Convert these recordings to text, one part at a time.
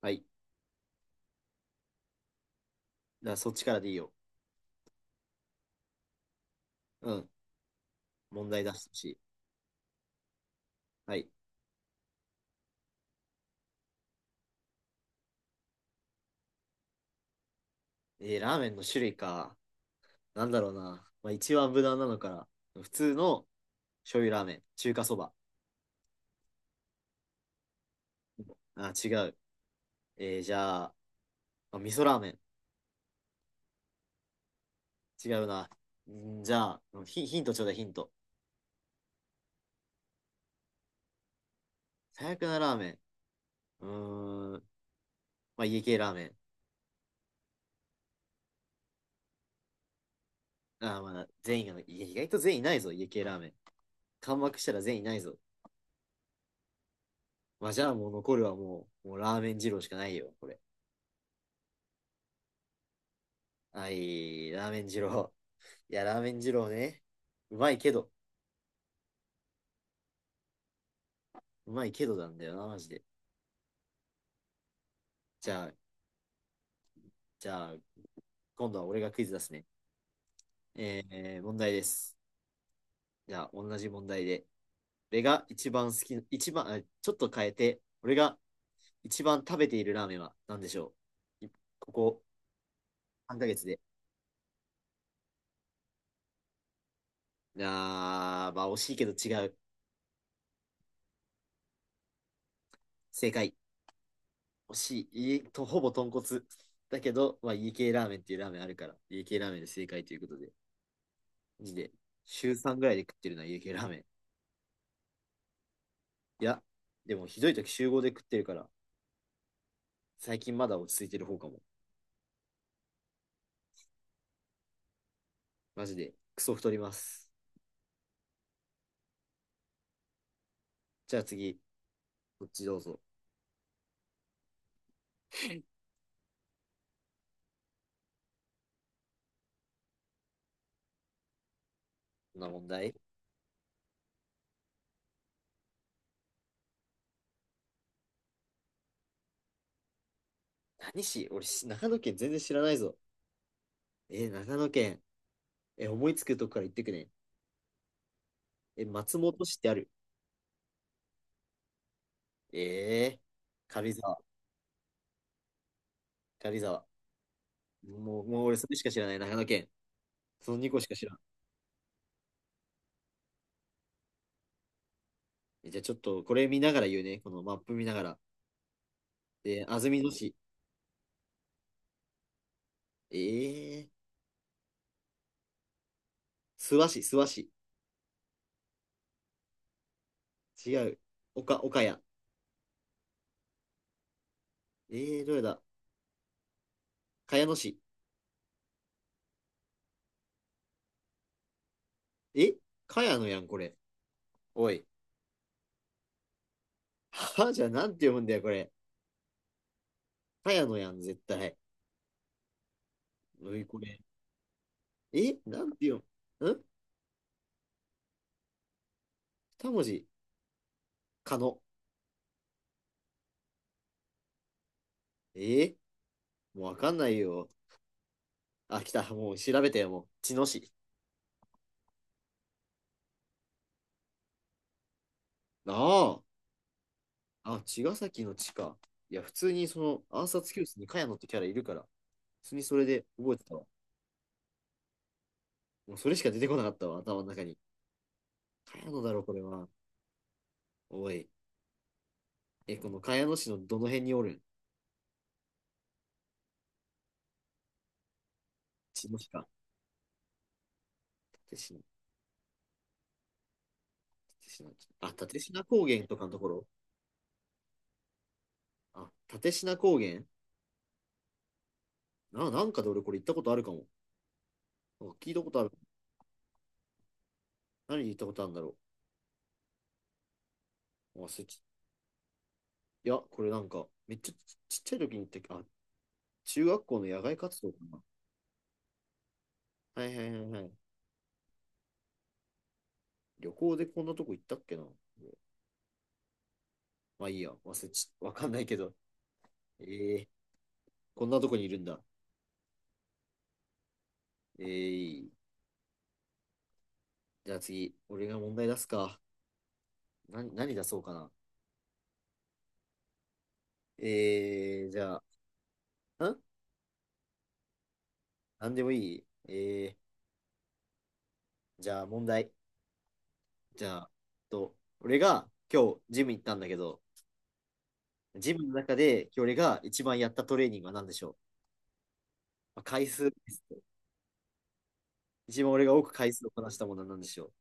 はい。だそっちからでいいよ。うん。問題出してほしい。はい。ラーメンの種類か。なんだろうな。まあ、一番無難なのから。普通の醤油ラーメン。中華そば。あ、違う。じゃあ、あ、味噌ラーメン。違うな。んじゃあ、ヒントちょうだい、ヒント。最悪なラーメン。うーん。まあ、家系ラーメン。あー、まだ全員が、いや意外と全員いないぞ、家系ラーメン。完幕したら全員いないぞ。まあ、じゃあもう残るはもう、もうラーメン二郎しかないよ、これ。はい、ラーメン二郎。いや、ラーメン二郎ね。うまいけど、うまいけどなんだよな、マジで。じゃあ、じゃあ、今度は俺がクイズ出すね。問題です。じゃあ、同じ問題で。俺が一番好き、一番、あちょっと変えて、俺が一番食べているラーメンは何でしょういここ3ヶ月で。あー、まあ惜しいけど違う。正解。惜しい。いいと、ほぼ豚骨。だけど、まあ家系ラーメンっていうラーメンあるから、家系ラーメンで正解ということで。マジで、週3ぐらいで食ってるな、家系ラーメン。いや、でもひどい時週5で食ってるから、最近まだ落ち着いてる方かも。マジで、クソ太ります。じゃあ次、こっちどうぞ。こんな問題。何し、俺長野県全然知らないぞ。長野県。思いつくとこから言ってくね。松本市ってある。えー、軽井沢、軽井沢。もう俺それしか知らない、長野県。その2個しか知らん。じゃあちょっとこれ見ながら言うね。このマップ見ながら。安曇野市。えー、諏訪市、諏訪市。違う。岡谷。どれだ。茅野市。え茅野やん、これ。おい。じゃあ、なんて読むんだよ、これ。茅野やん、絶対。おい、これ。なんて読むん。二文字。かの。えもうわかんないよ。あ、来た。もう調べてよ、もう。茅野市。ああ。あ、茅ヶ崎の地か。いや、普通に暗殺教室に茅野ってキャラいるから、普通にそれで覚えてたわ。もうそれしか出てこなかったわ、頭の中に。茅野だろ、これは。おい。この茅野市のどの辺におるん。茅野市か。立科、立科。あ、立科高原とかのところ。あ、立科高原。なんかで俺これ行ったことあるかも。なんか聞いたことある。何に行ったことあるんだろう。忘れちいや、これなんか、めっちゃちっちゃい時に行った、あ、中学校の野外活動かな。はいはいはいはい。旅行でこんなとこ行ったっけな。まあいいや、忘れち、わかんないけど。えー、こんなとこにいるんだ。えー、じゃあ次、俺が問題出すか。何出そうかな。じゃあ、んなんでもいい。えじゃあ問題。じゃあ、と、俺が今日ジム行ったんだけど、ジムの中で今日俺が一番やったトレーニングは何でしょう、まあ、回数です。一番俺が多く回数をこなしたものは何でしょ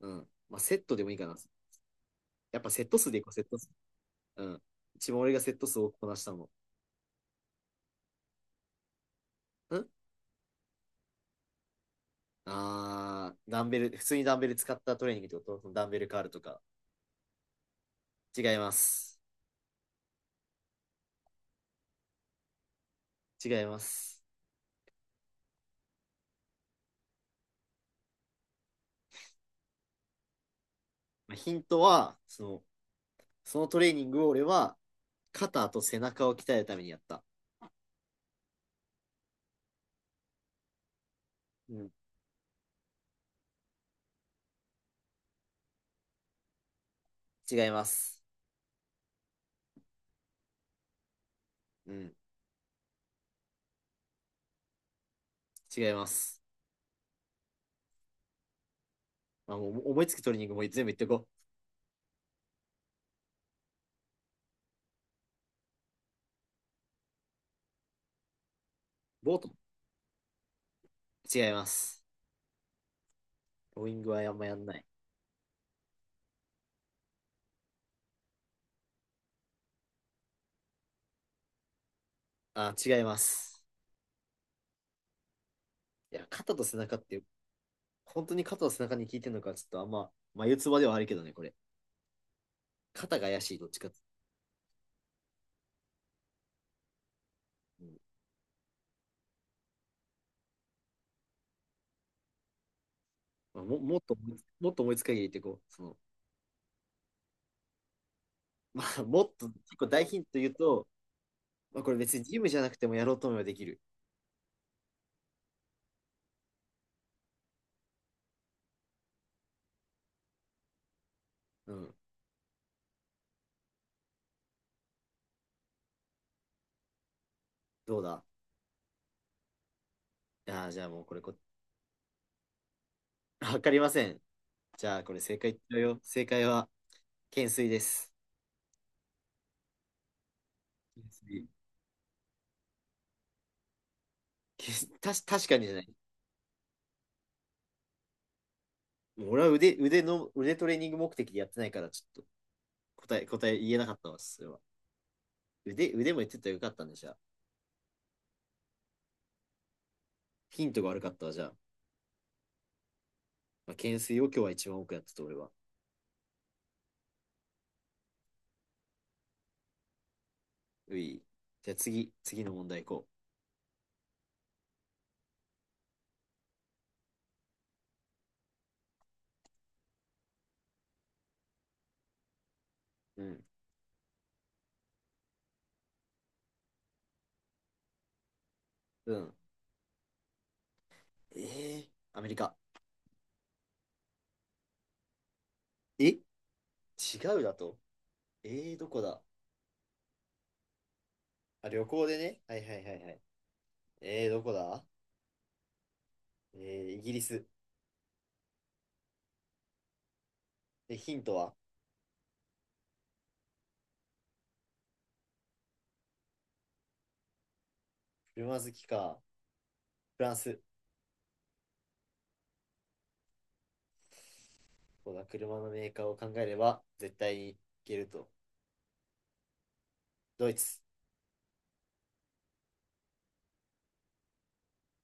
う。うん。まあ、セットでもいいかな。やっぱセット数でいこう、セット数。うん。一番俺がセット数を多くこなしたもの。あー、ダンベル、普通にダンベル使ったトレーニングってことダンベルカールとか。違います。違います。まあ、ヒントは、そのトレーニングを俺は、肩と背中を鍛えるためにやった。うん。違います。うん。違います。まあ、もう思いつくトレーニングも全部言ってこう。ボートも違います。ローイングはあんまやんない。あ、違います。いや、肩と背中って、本当に肩と背中に効いてるのか、ちょっとあんま、眉唾ではあるけどね、これ。肩が怪しい、どっちかって。うん。まあ、もっと思いつく限り言ってこう。その、まあ、もっと、結構大ヒント言うと、まあ、これ別にジムじゃなくてもやろうと思えばできる。うん。どうだ。ああ、じゃあもうこれこっ。 わかりません。じゃあ、これ正解言っちゃうよ。正解は、懸垂です。懸垂けたし、確かにじゃない。もう俺は腕のトレーニング目的でやってないから、ちょっと答え言えなかったわ、それは。腕も言ってたらよかったんで、じゃあ。ヒントが悪かったわ、じゃあ。まあ、懸垂を今日は一番多くやってた、俺は。うい。じゃあ次、次の問題行こう。うん。うん。えアメリカ。え違うだと。えどこだ。あ、旅行でね。はいはいはいはい。どこだ。えイギリス。で、ヒントは車好きか、フランス、こう車のメーカーを考えれば絶対にいけると。ドイツ。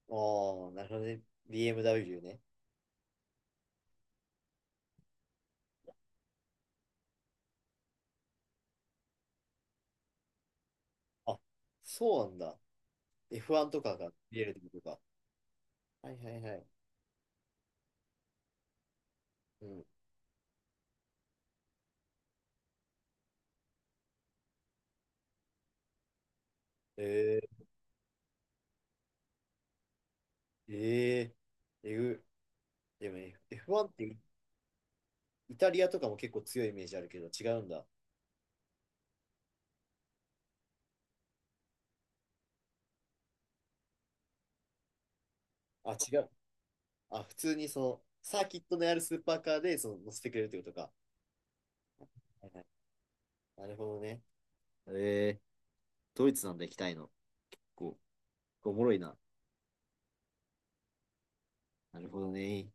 ああなるほどね。BMW ね。あ、そうなんだ。F1 とかが見えるってことか。はいはいはい。うん。えー、ええぐ。でも F- 1ってイタリアとかも結構強いイメージあるけど違うんだ。あ、違う。あ、普通にそのサーキットのあるスーパーカーでその乗せてくれるってことか。はいはい。なるほどね。えー、ドイツなんだ、行きたいの。こおもろいな。なるほどね。